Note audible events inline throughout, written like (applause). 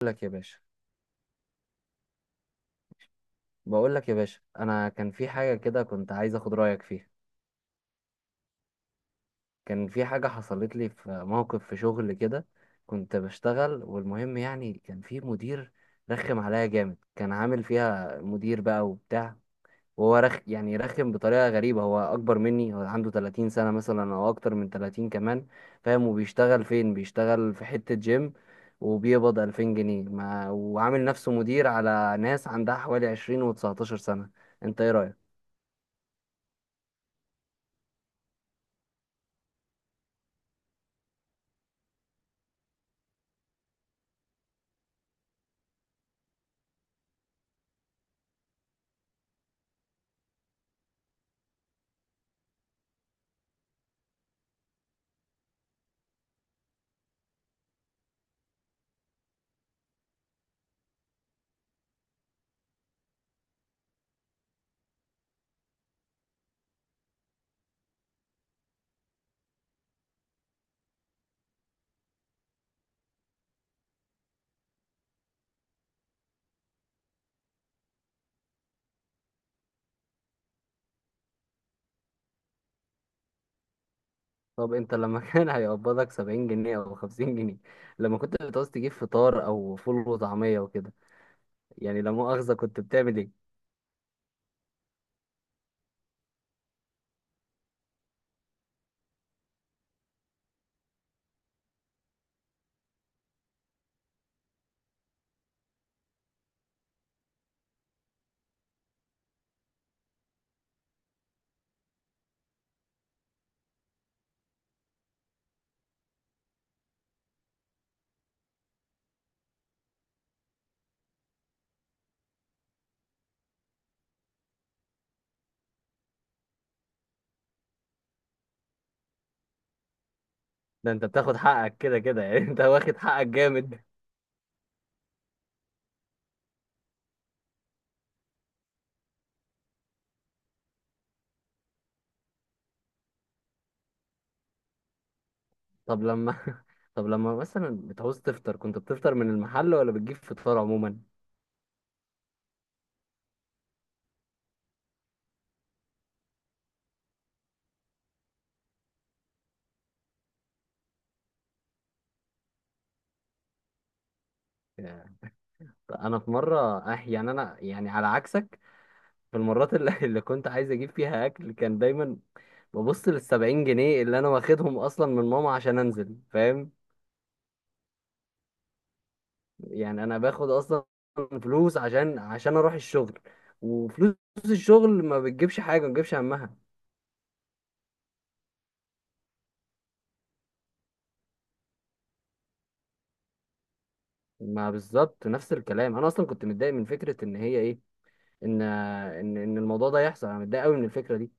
بقول لك يا باشا. انا كان في حاجه كده كنت عايز اخد رايك فيها. كان في حاجه حصلت لي في موقف في شغل كده. كنت بشتغل، والمهم يعني كان في مدير رخم عليا جامد، كان عامل فيها مدير بقى وبتاع. وهو رخ يعني رخم بطريقه غريبه. هو اكبر مني، هو عنده 30 سنه مثلا او اكتر من 30 كمان، فاهم؟ وبيشتغل فين؟ بيشتغل في حته جيم وبيقبض 2000 جنيه، ما وعامل نفسه مدير على ناس عندها حوالي 20 و19 سنه. انت ايه رايك؟ طب انت لما (laughs) كان هيقبضك 70 جنيه او 50 جنيه، لما كنت بتعوز تجيب فطار او فول وطعمية وكده، يعني لا مؤاخذة، كنت بتعمل ايه؟ ده انت بتاخد حقك كده كده يعني، انت واخد حقك جامد. طب لما (laughs) طب لما مثلا بتعوز تفطر، كنت بتفطر من المحل ولا بتجيب فطار عموما؟ ياه. انا في مرة، اه يعني، انا يعني على عكسك، في المرات (laughs) اللي كنت عايز اجيب فيها اكل، كان دايما ببص للسبعين جنيه اللي انا واخدهم اصلا من ماما عشان انزل، فاهم؟ يعني انا باخد اصلا فلوس عشان اروح الشغل، وفلوس الشغل ما بتجيبش حاجه، ما بتجيبش همها. ما بالظبط نفس الكلام، انا اصلا كنت متضايق من فكره ان هي ايه، ان ان الموضوع ده يحصل. انا متضايق قوي من الفكره دي.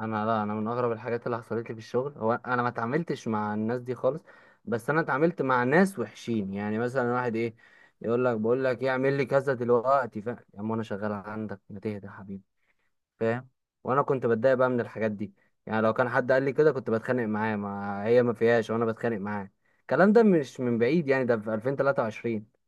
لا انا من اغرب الحاجات اللي حصلت لي في الشغل، هو انا ما اتعاملتش مع الناس دي خالص، بس انا اتعاملت مع ناس وحشين. يعني مثلا واحد ايه يقول لك، بقول لك ايه، اعمل لي كذا دلوقتي، فاهم يا عم انا شغال عندك، ما تهدى يا حبيبي، فاهم؟ وانا كنت بتضايق بقى من الحاجات دي. يعني لو كان حد قال لي كده كنت بتخانق معاه، ما هي ما فيهاش وانا بتخانق معاه. الكلام ده مش من بعيد، يعني ده في 2023.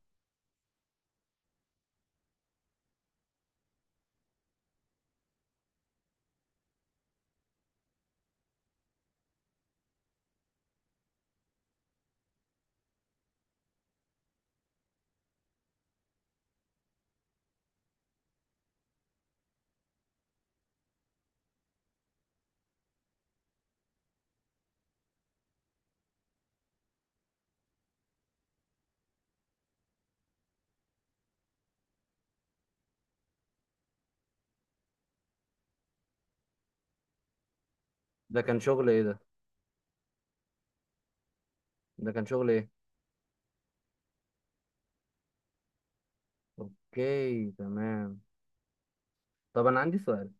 ده كان شغل ايه ده؟ ده كان شغل ايه اوكي تمام. طب انا عندي سؤال،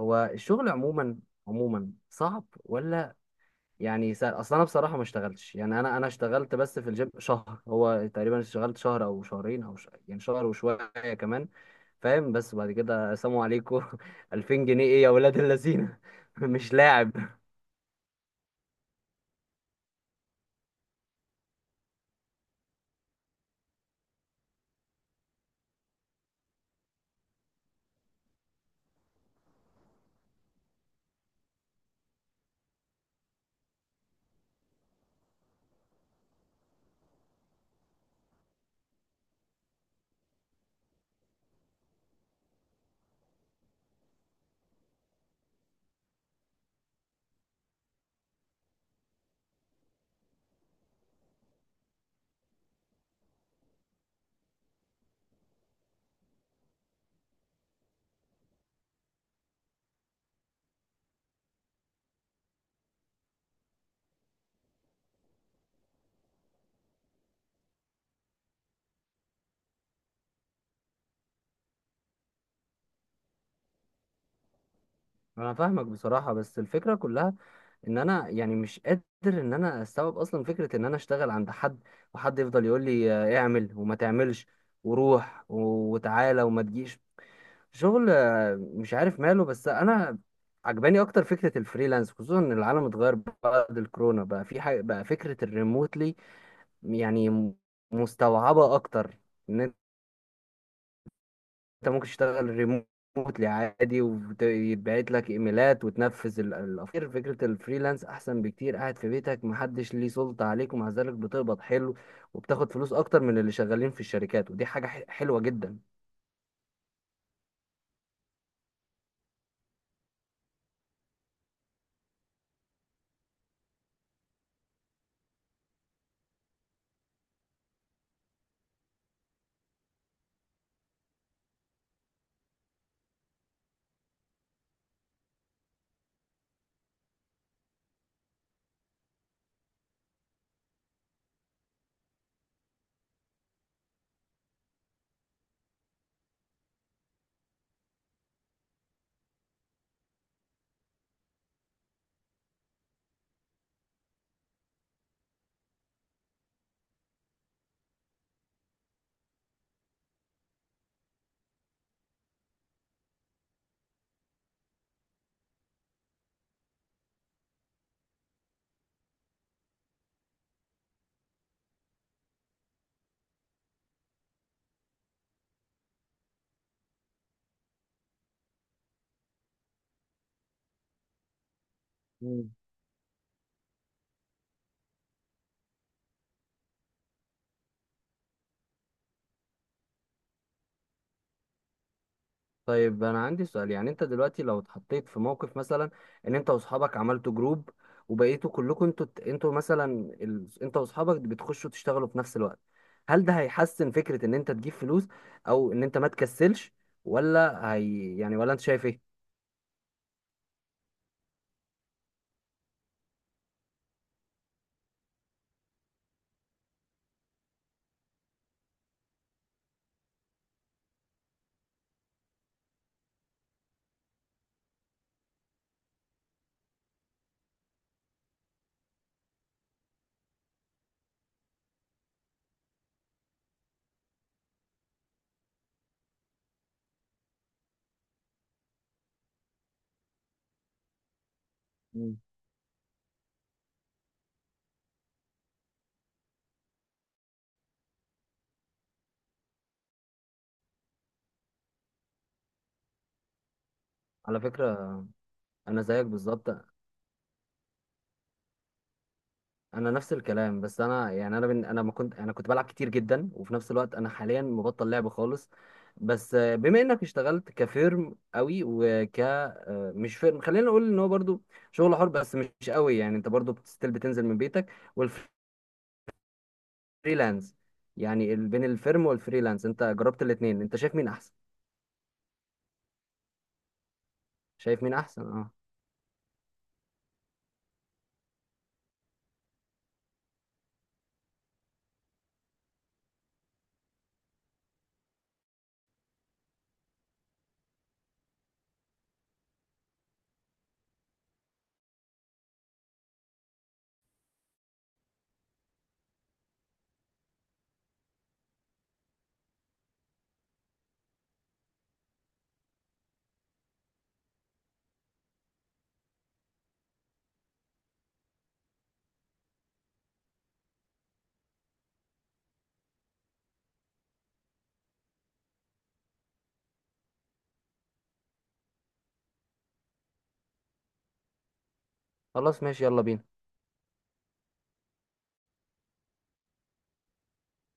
هو الشغل عموما، عموما صعب ولا يعني سهل؟ اصل انا بصراحه ما اشتغلتش. يعني انا اشتغلت بس في الجيم شهر، هو تقريبا اشتغلت شهر او شهرين او يعني شهر وشويه كمان، فاهم؟ بس بعد كده سلام عليكم. (laughs) 2000 جنيه ايه يا ولاد اللذينه؟ (laughs) مش لاعب. انا فاهمك بصراحه، بس الفكره كلها ان انا يعني مش قادر ان انا استوعب اصلا فكره ان انا اشتغل عند حد، وحد يفضل يقول لي اعمل وما تعملش، وروح وتعالى وما تجيش. شغل مش عارف ماله. بس انا عجباني اكتر فكره الفريلانس، خصوصا ان العالم اتغير بعد الكورونا، بقى في حاجه بقى فكره الريموتلي. يعني مستوعبه اكتر ان انت ممكن تشتغل ريموتلي عادي ويتبعت لك ايميلات وتنفذ الافكار. فكره الفريلانس احسن بكتير، قاعد في بيتك محدش ليه سلطه عليك، ومع ذلك بتقبض حلو وبتاخد فلوس اكتر من اللي شغالين في الشركات، ودي حاجه حلوه جدا. طيب انا عندي سؤال، يعني انت دلوقتي لو اتحطيت في موقف مثلا ان انت واصحابك عملتوا جروب وبقيتوا كلكم، انتوا مثلا، انت واصحابك بتخشوا تشتغلوا في نفس الوقت، هل ده هيحسن فكرة ان انت تجيب فلوس او ان انت ما تكسلش؟ ولا هي يعني، ولا انت شايف ايه؟ مم. على فكرة انا زيك بالظبط، انا نفس الكلام. بس انا يعني انا ما كنت، انا كنت بلعب كتير جدا، وفي نفس الوقت انا حاليا مبطل لعب خالص. بس بما انك اشتغلت كفيرم قوي، وك آه، مش فيرم، خلينا نقول ان هو برضو شغل حر بس مش قوي، يعني انت برضو بتستيل، بتنزل من بيتك والفريلانس. يعني بين الفيرم والفريلانس، انت جربت الاتنين، انت شايف مين احسن؟ شايف مين احسن اه خلاص ماشي يلا بينا.